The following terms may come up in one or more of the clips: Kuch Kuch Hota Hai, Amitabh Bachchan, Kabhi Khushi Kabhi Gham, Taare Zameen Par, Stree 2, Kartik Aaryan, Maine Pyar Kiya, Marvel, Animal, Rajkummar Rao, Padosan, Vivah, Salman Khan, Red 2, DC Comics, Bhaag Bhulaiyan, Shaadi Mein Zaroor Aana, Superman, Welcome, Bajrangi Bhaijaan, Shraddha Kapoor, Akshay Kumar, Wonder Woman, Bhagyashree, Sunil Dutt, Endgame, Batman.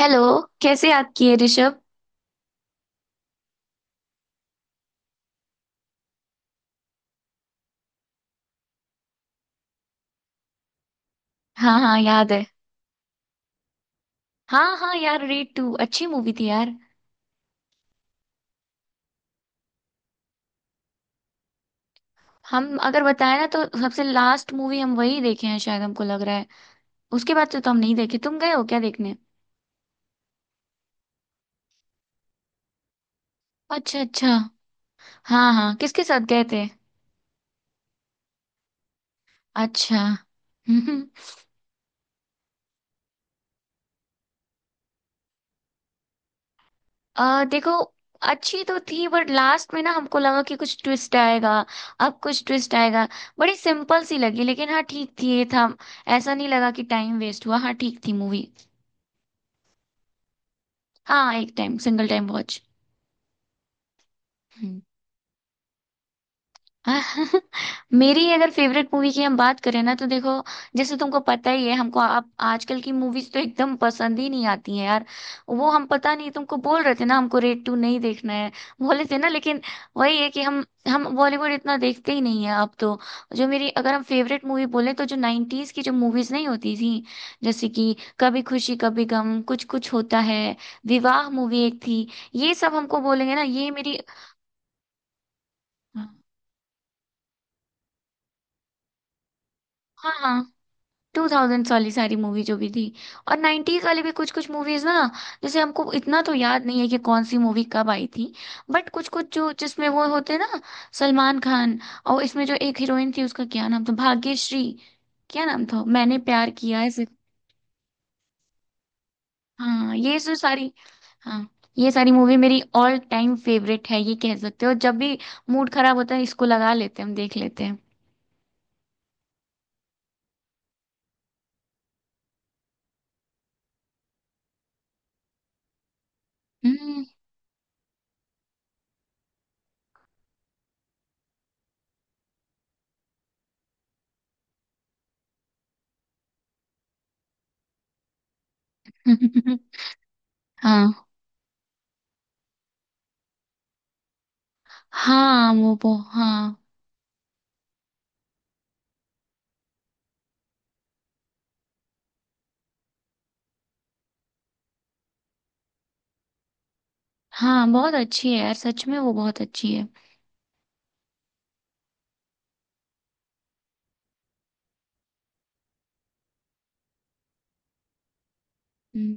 Hello. कैसे याद किए ऋषभ। हाँ हाँ, याद है। हाँ हाँ, यार रेड टू अच्छी मूवी थी यार। हम अगर बताए ना तो सबसे लास्ट मूवी हम वही देखे हैं, शायद हमको लग रहा है। उसके बाद से तो हम नहीं देखे। तुम गए हो क्या देखने? अच्छा अच्छा। हाँ हाँ, किसके साथ गए थे? अच्छा। हम्म। देखो, अच्छी तो थी बट लास्ट में ना हमको लगा कि कुछ ट्विस्ट आएगा, अब कुछ ट्विस्ट आएगा। बड़ी सिंपल सी लगी, लेकिन हाँ ठीक थी, ये था। ऐसा नहीं लगा कि टाइम वेस्ट हुआ, हाँ ठीक थी मूवी। हाँ, एक टाइम सिंगल टाइम वॉच। हम्म। मेरी अगर फेवरेट मूवी की हम बात करें ना तो देखो, जैसे तुमको पता ही है, हमको आप आजकल की मूवीज तो एकदम पसंद ही नहीं आती हैं यार। वो हम पता नहीं तुमको बोल रहे थे ना हमको रेड टू नहीं देखना है, बोले थे ना लेकिन। वही है कि हम बॉलीवुड इतना देखते ही नहीं है अब तो। जो मेरी अगर हम फेवरेट मूवी बोले तो जो नाइन्टीज की जो मूवीज नहीं होती थी, जैसे कि कभी खुशी कभी गम, कुछ कुछ होता है, विवाह, मूवी एक थी। ये सब हमको बोलेंगे ना, ये मेरी। हाँ हाँ। टू थाउजेंड्स वाली सारी मूवी जो भी थी और नाइन्टीज वाली भी कुछ कुछ मूवीज ना, जैसे हमको इतना तो याद नहीं है कि कौन सी मूवी कब आई थी। बट कुछ कुछ जो जिसमें वो होते ना, सलमान खान, और इसमें जो एक हीरोइन थी उसका क्या नाम था, भाग्यश्री। क्या नाम था, मैंने प्यार किया, ऐसे। हाँ ये जो सारी, हाँ ये सारी मूवी मेरी ऑल टाइम फेवरेट है, ये कह सकते हो। जब भी मूड खराब होता है इसको लगा लेते हैं, हम देख लेते हैं। हम्म। हाँ हाँ, वो हाँ। हाँ बहुत अच्छी है यार, सच में वो बहुत अच्छी है। हम्म,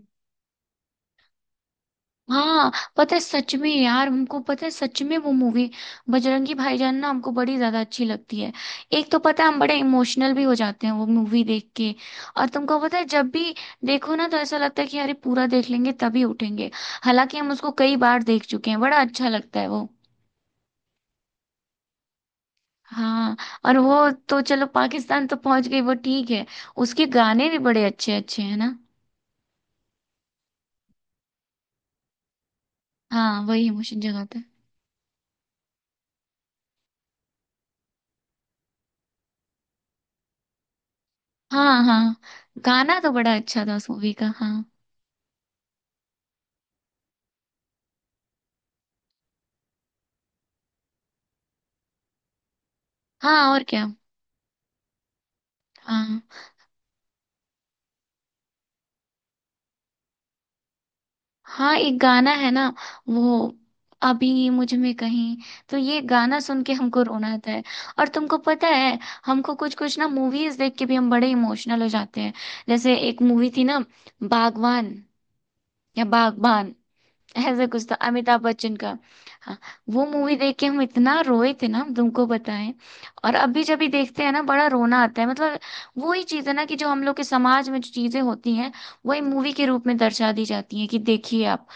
हाँ पता है, सच में यार हमको पता है, सच में वो मूवी, बजरंगी भाईजान ना हमको बड़ी ज्यादा अच्छी लगती है। एक तो पता है हम बड़े इमोशनल भी हो जाते हैं वो मूवी देख के। और तुमको पता है, जब भी देखो ना तो ऐसा लगता है कि अरे पूरा देख लेंगे तभी उठेंगे। हालांकि हम उसको कई बार देख चुके हैं, बड़ा अच्छा लगता है वो। हाँ, और वो तो चलो पाकिस्तान तो पहुंच गई वो, ठीक है। उसके गाने भी बड़े अच्छे अच्छे हैं ना। हाँ वही इमोशन जगाता है। हाँ हाँ, गाना तो बड़ा अच्छा था उस मूवी का, हाँ। हाँ और क्या। हाँ हाँ, एक गाना है ना, वो, अभी मुझ में कहीं, तो ये गाना सुन के हमको रोना आता है। और तुमको पता है, हमको कुछ कुछ ना मूवीज देख के भी हम बड़े इमोशनल हो जाते हैं। जैसे एक मूवी थी ना, बागवान, या बागबान, ऐसा कुछ था, अमिताभ बच्चन का। हाँ। वो मूवी देख के हम इतना रोए थे ना, हम तुमको बताएं। और अभी जब भी देखते हैं ना बड़ा रोना आता है मतलब। वही चीज है ना कि जो हम लोग के समाज में जो चीजें होती हैं, वही मूवी के रूप में दर्शा दी जाती हैं, कि देखिए आप।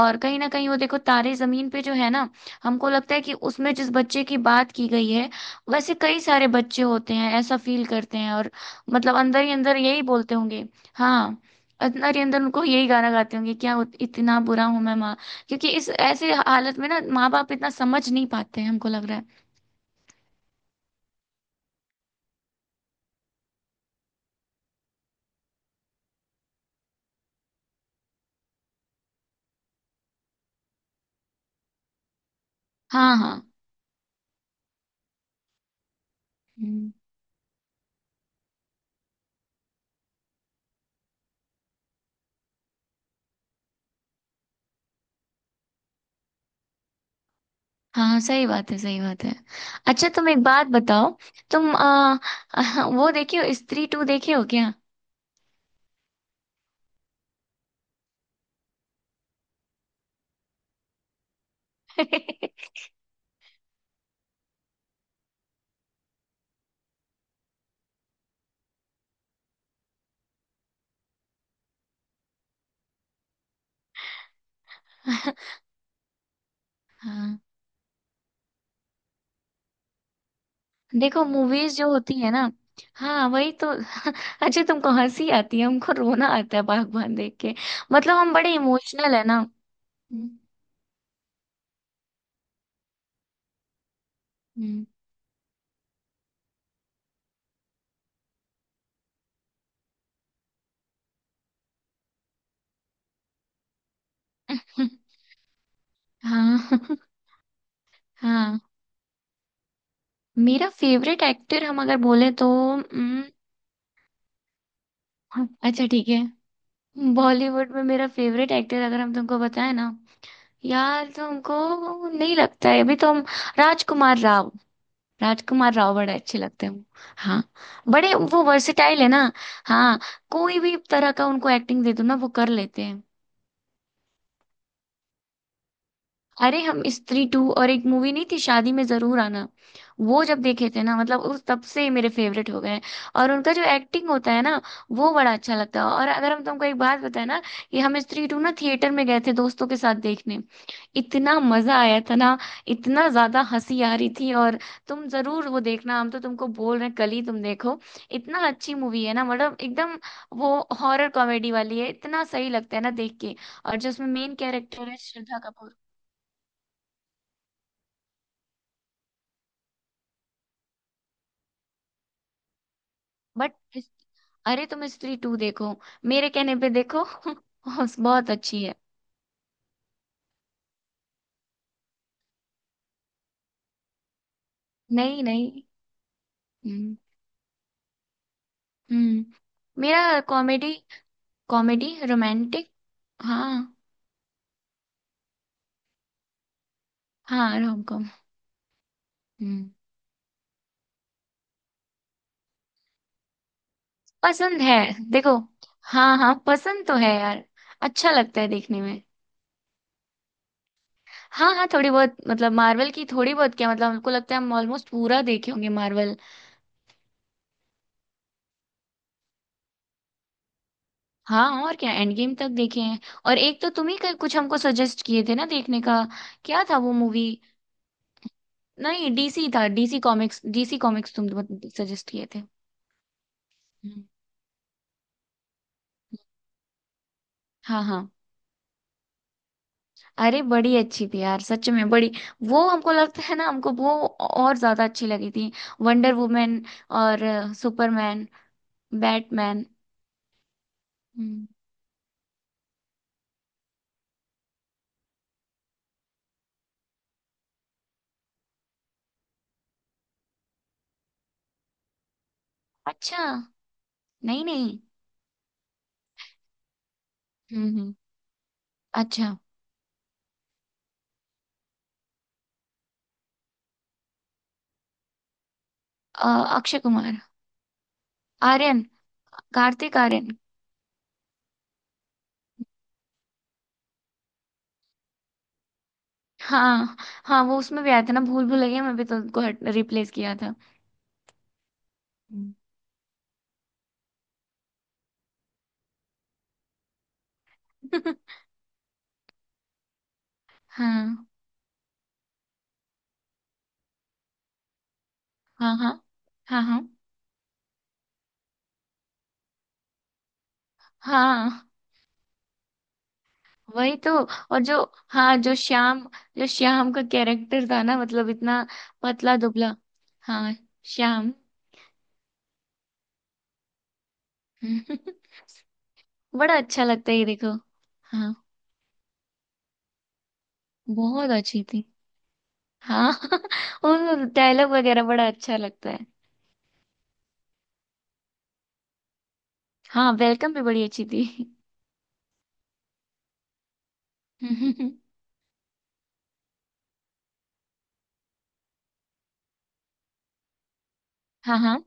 और कहीं ना कहीं वो देखो, तारे जमीन पे जो है ना, हमको लगता है कि उसमें जिस बच्चे की बात की गई है, वैसे कई सारे बच्चे होते हैं, ऐसा फील करते हैं, और मतलब अंदर ही अंदर यही बोलते होंगे। हाँ, नरेंद्र उनको यही गाना गाते होंगे क्या, इतना बुरा हूं मैं माँ। क्योंकि इस ऐसे हालत में ना माँ बाप इतना समझ नहीं पाते हैं, हमको लग रहा है। हाँ हाँ। हम्म, हाँ हाँ, सही बात है, सही बात है। अच्छा तुम एक बात बताओ, तुम वो देखे हो, स्त्री टू देखे हो क्या? हाँ, देखो मूवीज जो होती है ना, हाँ वही तो। अच्छा, तुमको हंसी आती है, हमको रोना आता है बागबान देख के। मतलब हम बड़े इमोशनल है ना। हम्म हम्म। हाँ। हाँ, मेरा फेवरेट एक्टर हम अगर बोले तो, उम्म, हाँ, अच्छा ठीक है। बॉलीवुड में मेरा फेवरेट एक्टर अगर हम तुमको बताएं ना, यार तो हमको नहीं लगता है, अभी तो हम, राजकुमार राव, राजकुमार राव बड़े अच्छे लगते हैं। हाँ, बड़े वो वर्सेटाइल है ना। हाँ, कोई भी तरह का उनको एक्टिंग दे दो ना, वो कर लेते हैं। अरे हम स्त्री टू और एक मूवी नहीं थी, शादी में जरूर आना, वो जब देखे थे ना, मतलब उस तब से ही मेरे फेवरेट हो गए हैं। और उनका जो एक्टिंग होता है ना, वो बड़ा अच्छा लगता है। और अगर हम तुमको एक बात बताए ना, कि हम स्त्री टू ना थिएटर में गए थे दोस्तों के साथ देखने, इतना मजा आया था ना, इतना ज्यादा हंसी आ रही थी। और तुम जरूर वो देखना, हम तो तुमको बोल रहे हैं, कल ही तुम देखो, इतना अच्छी मूवी है ना, मतलब एकदम। वो हॉरर कॉमेडी वाली है, इतना सही लगता है ना देख के। और जो उसमें मेन कैरेक्टर है, श्रद्धा कपूर। बट, अरे तुम स्त्री टू देखो, मेरे कहने पे देखो। बहुत अच्छी है। नहीं नहीं। हम्म हम्म, मेरा कॉमेडी, कॉमेडी रोमांटिक। हाँ हाँ, रोम कॉम। हम्म। पसंद है। देखो, हाँ हाँ पसंद तो है यार, अच्छा लगता है देखने में। हाँ हाँ, थोड़ी बहुत, मतलब मार्वल की थोड़ी बहुत क्या मतलब, हमको लगता है हम ऑलमोस्ट पूरा देखे होंगे मार्वल। हाँ और क्या, एंड गेम तक देखे हैं। और एक तो तुम ही कुछ हमको सजेस्ट किए थे ना देखने का, क्या था वो मूवी, नहीं डीसी था, डीसी कॉमिक्स, डीसी कॉमिक्स तुम सजेस्ट किए थे। हम्म। हाँ हाँ। अरे बड़ी अच्छी थी यार, सच में बड़ी, वो हमको लगता है ना, हमको वो और ज्यादा अच्छी लगी थी, वंडर वुमेन और सुपरमैन, बैटमैन। हम्म। अच्छा, नहीं नहीं। हम्म। अच्छा, अ, अक्षय कुमार, आर्यन, कार्तिक आर्यन। हाँ हाँ, वो उसमें भी आया था ना, भूल भुलैया में भी तो उनको रिप्लेस किया था। हम्म। हाँ हाँ हाँ हाँ हाँ हाँ, वही तो। और जो, हाँ जो श्याम, जो श्याम का कैरेक्टर था ना, मतलब इतना पतला दुबला। हाँ, श्याम। बड़ा अच्छा लगता है, ये देखो। हाँ बहुत अच्छी थी। हाँ। उन डायलॉग वगैरह बड़ा अच्छा लगता है। हाँ वेलकम भी बड़ी अच्छी थी। हाँ हाँ।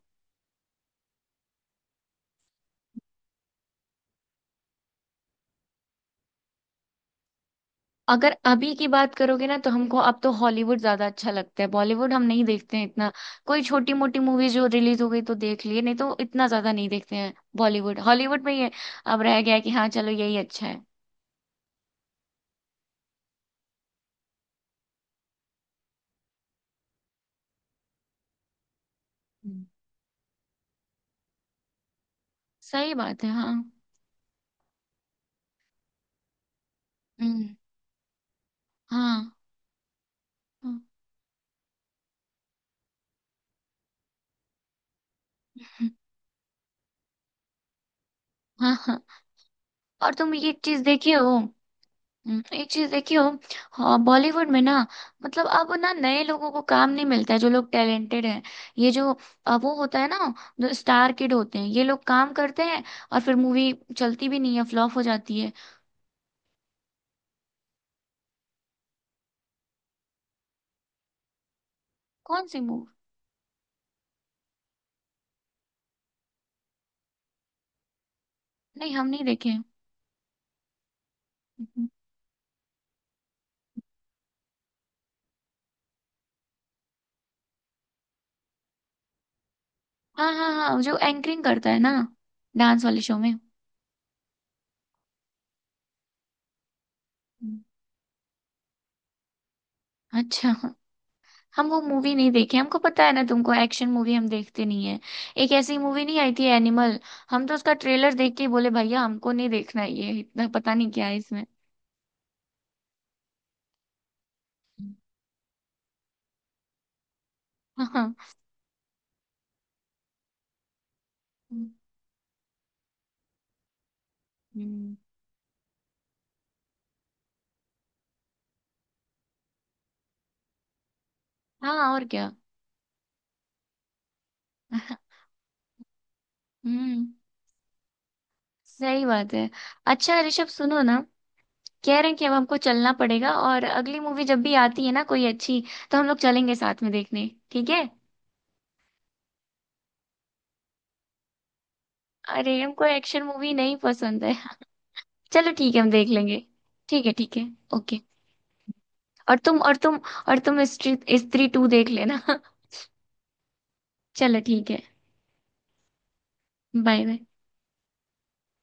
अगर अभी की बात करोगे ना तो हमको अब तो हॉलीवुड ज्यादा अच्छा लगता है, बॉलीवुड हम नहीं देखते हैं इतना। कोई छोटी मोटी मूवी जो रिलीज हो गई तो देख लिए, नहीं तो इतना ज्यादा नहीं देखते हैं बॉलीवुड। हॉलीवुड में ये अब रह गया है कि हाँ चलो, यही अच्छा है। हम्म। सही बात है, हाँ। हम्म, हाँ हाँ हाँ हाँ। और तुम ये चीज देखे हो, एक चीज देखियो, हाँ, बॉलीवुड में ना, मतलब अब ना नए लोगों को काम नहीं मिलता है, जो लोग टैलेंटेड हैं, ये जो वो होता है ना, जो स्टार किड होते हैं, ये लोग काम करते हैं, और फिर मूवी चलती भी नहीं है, फ्लॉप हो जाती है। कौन सी मूवी? नहीं हम नहीं देखे। हम्म। हाँ हाँ हाँ, जो एंकरिंग करता है ना, डांस वाले शो में। हम्म। अच्छा, हम वो मूवी नहीं देखे, हमको पता है ना तुमको, एक्शन मूवी हम देखते नहीं है। एक ऐसी मूवी नहीं आई थी, एनिमल, हम तो उसका ट्रेलर देख के ही बोले, भैया हमको नहीं देखना ये, इतना पता नहीं क्या है इसमें। हाँ। हम्म। हाँ और क्या। हम्म, सही बात है। अच्छा ऋषभ सुनो ना, कह रहे हैं कि अब हमको चलना पड़ेगा, और अगली मूवी जब भी आती है ना कोई अच्छी, तो हम लोग चलेंगे साथ में देखने, ठीक है? अरे हमको एक्शन मूवी नहीं पसंद है। चलो ठीक है, हम देख लेंगे। ठीक है ठीक है, ओके। और तुम और तुम और तुम स्त्री स्त्री टू देख लेना। चलो ठीक है। Bye bye.